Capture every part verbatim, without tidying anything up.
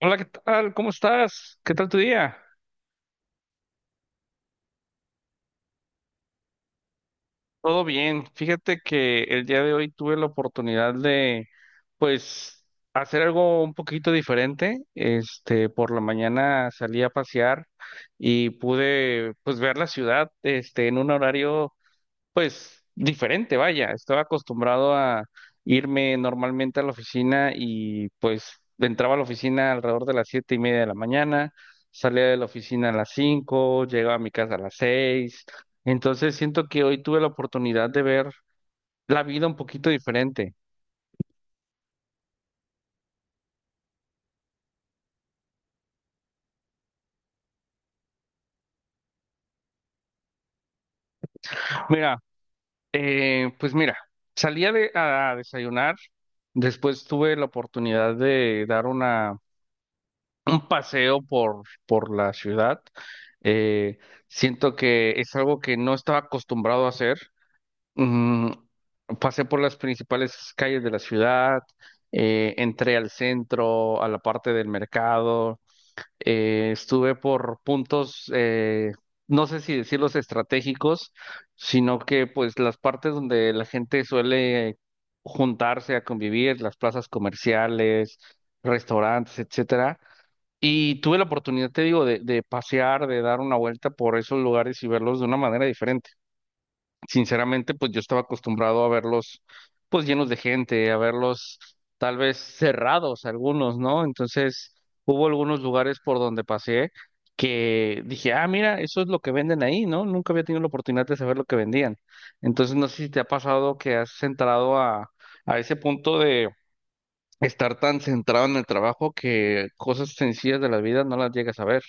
Hola, ¿qué tal? ¿Cómo estás? ¿Qué tal tu día? Todo bien. Fíjate que el día de hoy tuve la oportunidad de, pues, hacer algo un poquito diferente. Este, por la mañana salí a pasear y pude, pues, ver la ciudad, este, en un horario pues diferente, vaya, estaba acostumbrado a irme normalmente a la oficina y pues entraba a la oficina alrededor de las siete y media de la mañana, salía de la oficina a las cinco, llegaba a mi casa a las seis, entonces siento que hoy tuve la oportunidad de ver la vida un poquito diferente. Mira, eh, pues mira, salía de- a desayunar, después tuve la oportunidad de dar una paseo por, por la ciudad. Eh, siento que es algo que no estaba acostumbrado a hacer. Mm, pasé por las principales calles de la ciudad, eh, entré al centro, a la parte del mercado, eh, estuve por puntos, eh, no sé si decirlos estratégicos, sino que pues las partes donde la gente suele juntarse a convivir, las plazas comerciales, restaurantes, etcétera. Y tuve la oportunidad, te digo, de, de pasear, de dar una vuelta por esos lugares y verlos de una manera diferente. Sinceramente, pues yo estaba acostumbrado a verlos, pues llenos de gente, a verlos tal vez cerrados algunos, ¿no? Entonces, hubo algunos lugares por donde paseé que dije, ah, mira, eso es lo que venden ahí, ¿no? Nunca había tenido la oportunidad de saber lo que vendían. Entonces, no sé si te ha pasado que has entrado a, a ese punto, estar tan centrado en el trabajo que cosas sencillas de la vida no las llegas a ver.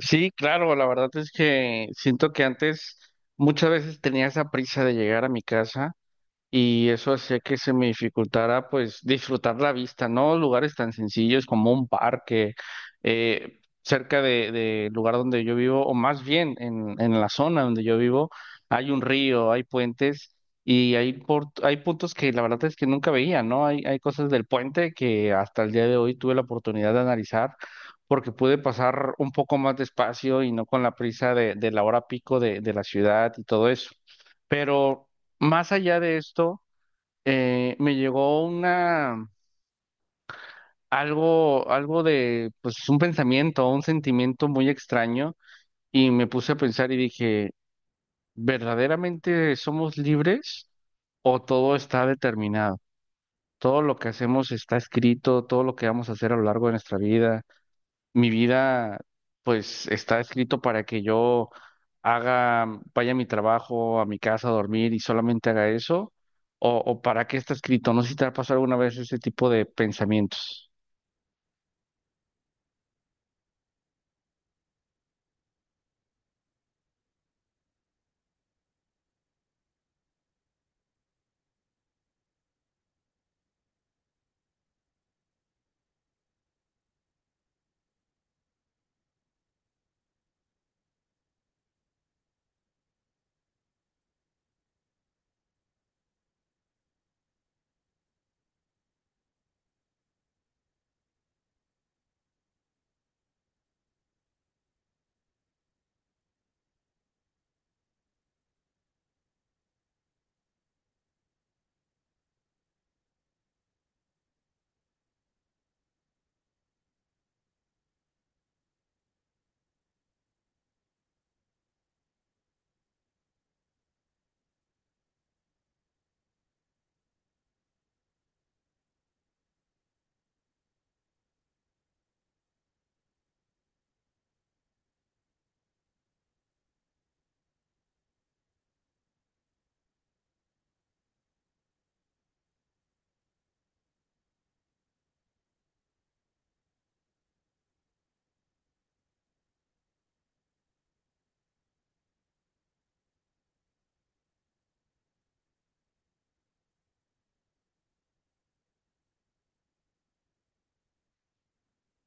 Sí, claro, la verdad es que siento que antes muchas veces tenía esa prisa de llegar a mi casa, y eso hacía que se me dificultara pues disfrutar la vista, ¿no? Lugares tan sencillos como un parque, eh, cerca de, de, lugar donde yo vivo, o más bien en, en la zona donde yo vivo, hay un río, hay puentes y hay, por- hay puntos que la verdad es que nunca veía, ¿no? Hay, hay cosas del puente que hasta el día de hoy tuve la oportunidad de analizar, porque pude pasar un poco más despacio y no con la prisa de, de la hora pico de de la ciudad y todo eso. Pero más allá de esto, eh, me llegó una algo, algo de, pues, un pensamiento, un sentimiento muy extraño, y me puse a pensar y dije, ¿verdaderamente somos libres o todo está determinado? Todo lo que hacemos está escrito, todo lo que vamos a hacer a lo largo de nuestra vida, mi vida, pues está escrito para que yo haga, mm, vaya a mi trabajo, a mi casa a dormir y solamente haga eso, o, o para qué está escrito. No sé si te ha pasado alguna vez ese tipo de pensamientos.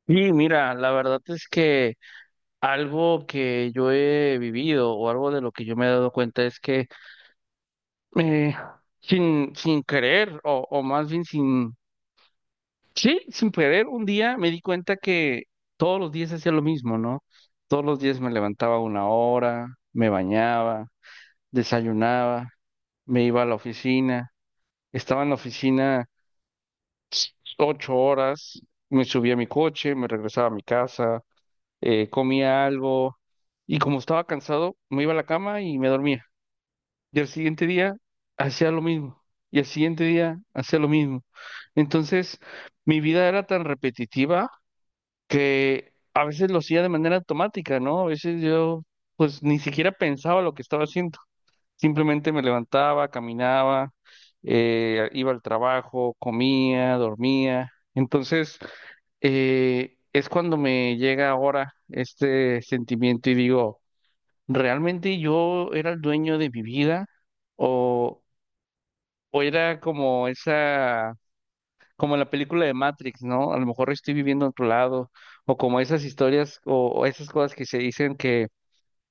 sí mira, la verdad es que algo que yo he vivido o algo de lo que yo me he dado cuenta es que eh, sin, sin querer o, o más bien sin Sí, sin poder, un día me di cuenta que todos los días hacía lo mismo, ¿no? Todos los días me levantaba una hora, me bañaba, desayunaba, me iba a la oficina, estaba en la oficina ocho horas, me subía a mi coche, me regresaba a mi casa, eh, comía algo y como estaba cansado, me iba a la cama y me dormía. Y al siguiente día hacía lo mismo, y al siguiente día hacía lo mismo. Entonces, mi vida era tan repetitiva que a veces lo hacía de manera automática, ¿no? A veces yo pues ni siquiera pensaba lo que estaba haciendo, simplemente me levantaba, caminaba, eh, iba al trabajo, comía, dormía. Entonces, eh, es cuando me llega ahora este sentimiento y digo, ¿realmente yo era el dueño de mi vida? ¿O, o era como esa como en la película de Matrix, ¿no? A lo mejor estoy viviendo en otro lado, o como esas historias o, o esas cosas que se dicen que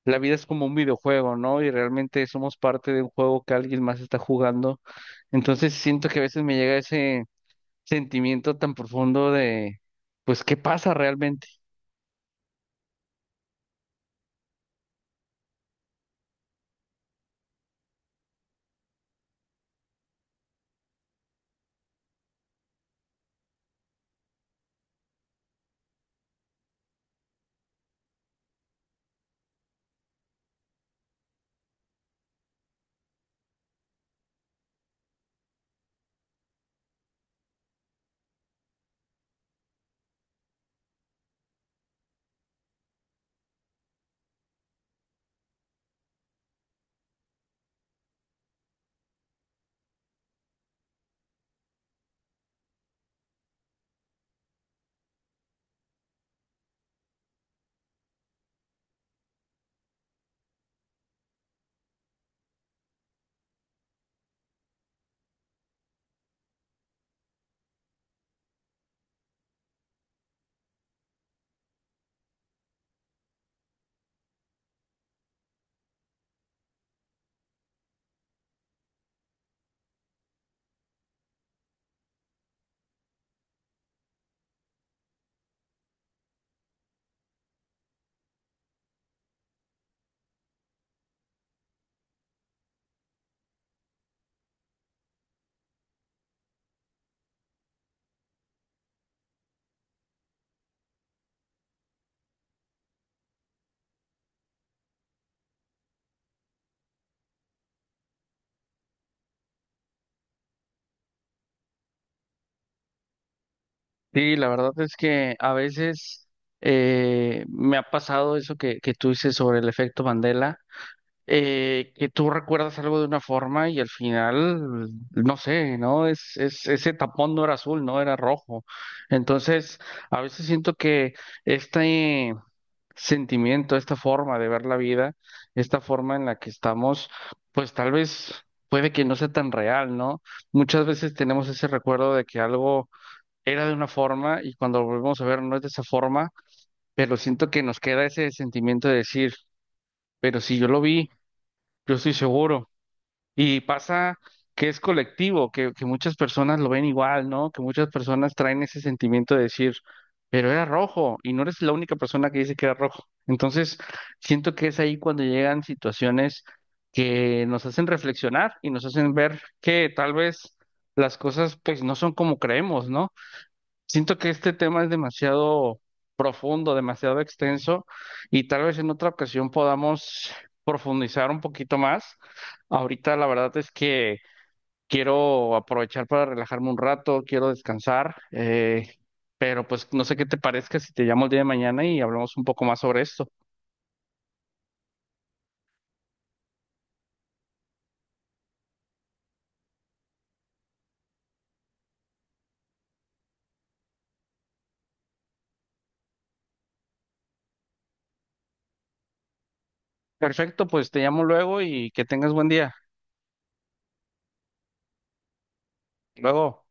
la vida es como un videojuego, ¿no? Y realmente somos parte de un juego que alguien más está jugando. Entonces siento que a veces me llega ese sentimiento tan profundo de, pues, ¿qué pasa realmente? Sí, la verdad es que a veces eh, me ha pasado eso que, que tú dices sobre el efecto Mandela, eh, que tú recuerdas algo de una forma y al final, no sé, ¿no? Es, es, ese tapón no era azul, no era rojo. Entonces, a veces siento que este sentimiento, esta forma de ver la vida, esta forma en la que estamos, pues tal vez puede que no sea tan real, ¿no? Muchas veces tenemos ese recuerdo de que algo era de una forma y cuando lo volvemos a ver no es de esa forma, pero siento que nos queda ese sentimiento de decir, pero si yo lo vi, yo estoy seguro. Y pasa que es colectivo, que, que muchas personas lo ven igual, ¿no? Que muchas personas traen ese sentimiento de decir, pero era rojo y no eres la única persona que dice que era rojo. Entonces, siento que es ahí cuando llegan situaciones que nos hacen reflexionar y nos hacen ver que tal vez las cosas pues no son como creemos, ¿no? Siento que este tema es demasiado profundo, demasiado extenso y tal vez en otra ocasión podamos profundizar un poquito más. Ahorita la verdad es que quiero aprovechar para relajarme un rato, quiero descansar, eh, pero pues no sé qué te parezca si te llamo el día de mañana y hablamos un poco más sobre esto. Perfecto, pues te llamo luego y que tengas buen día. Luego.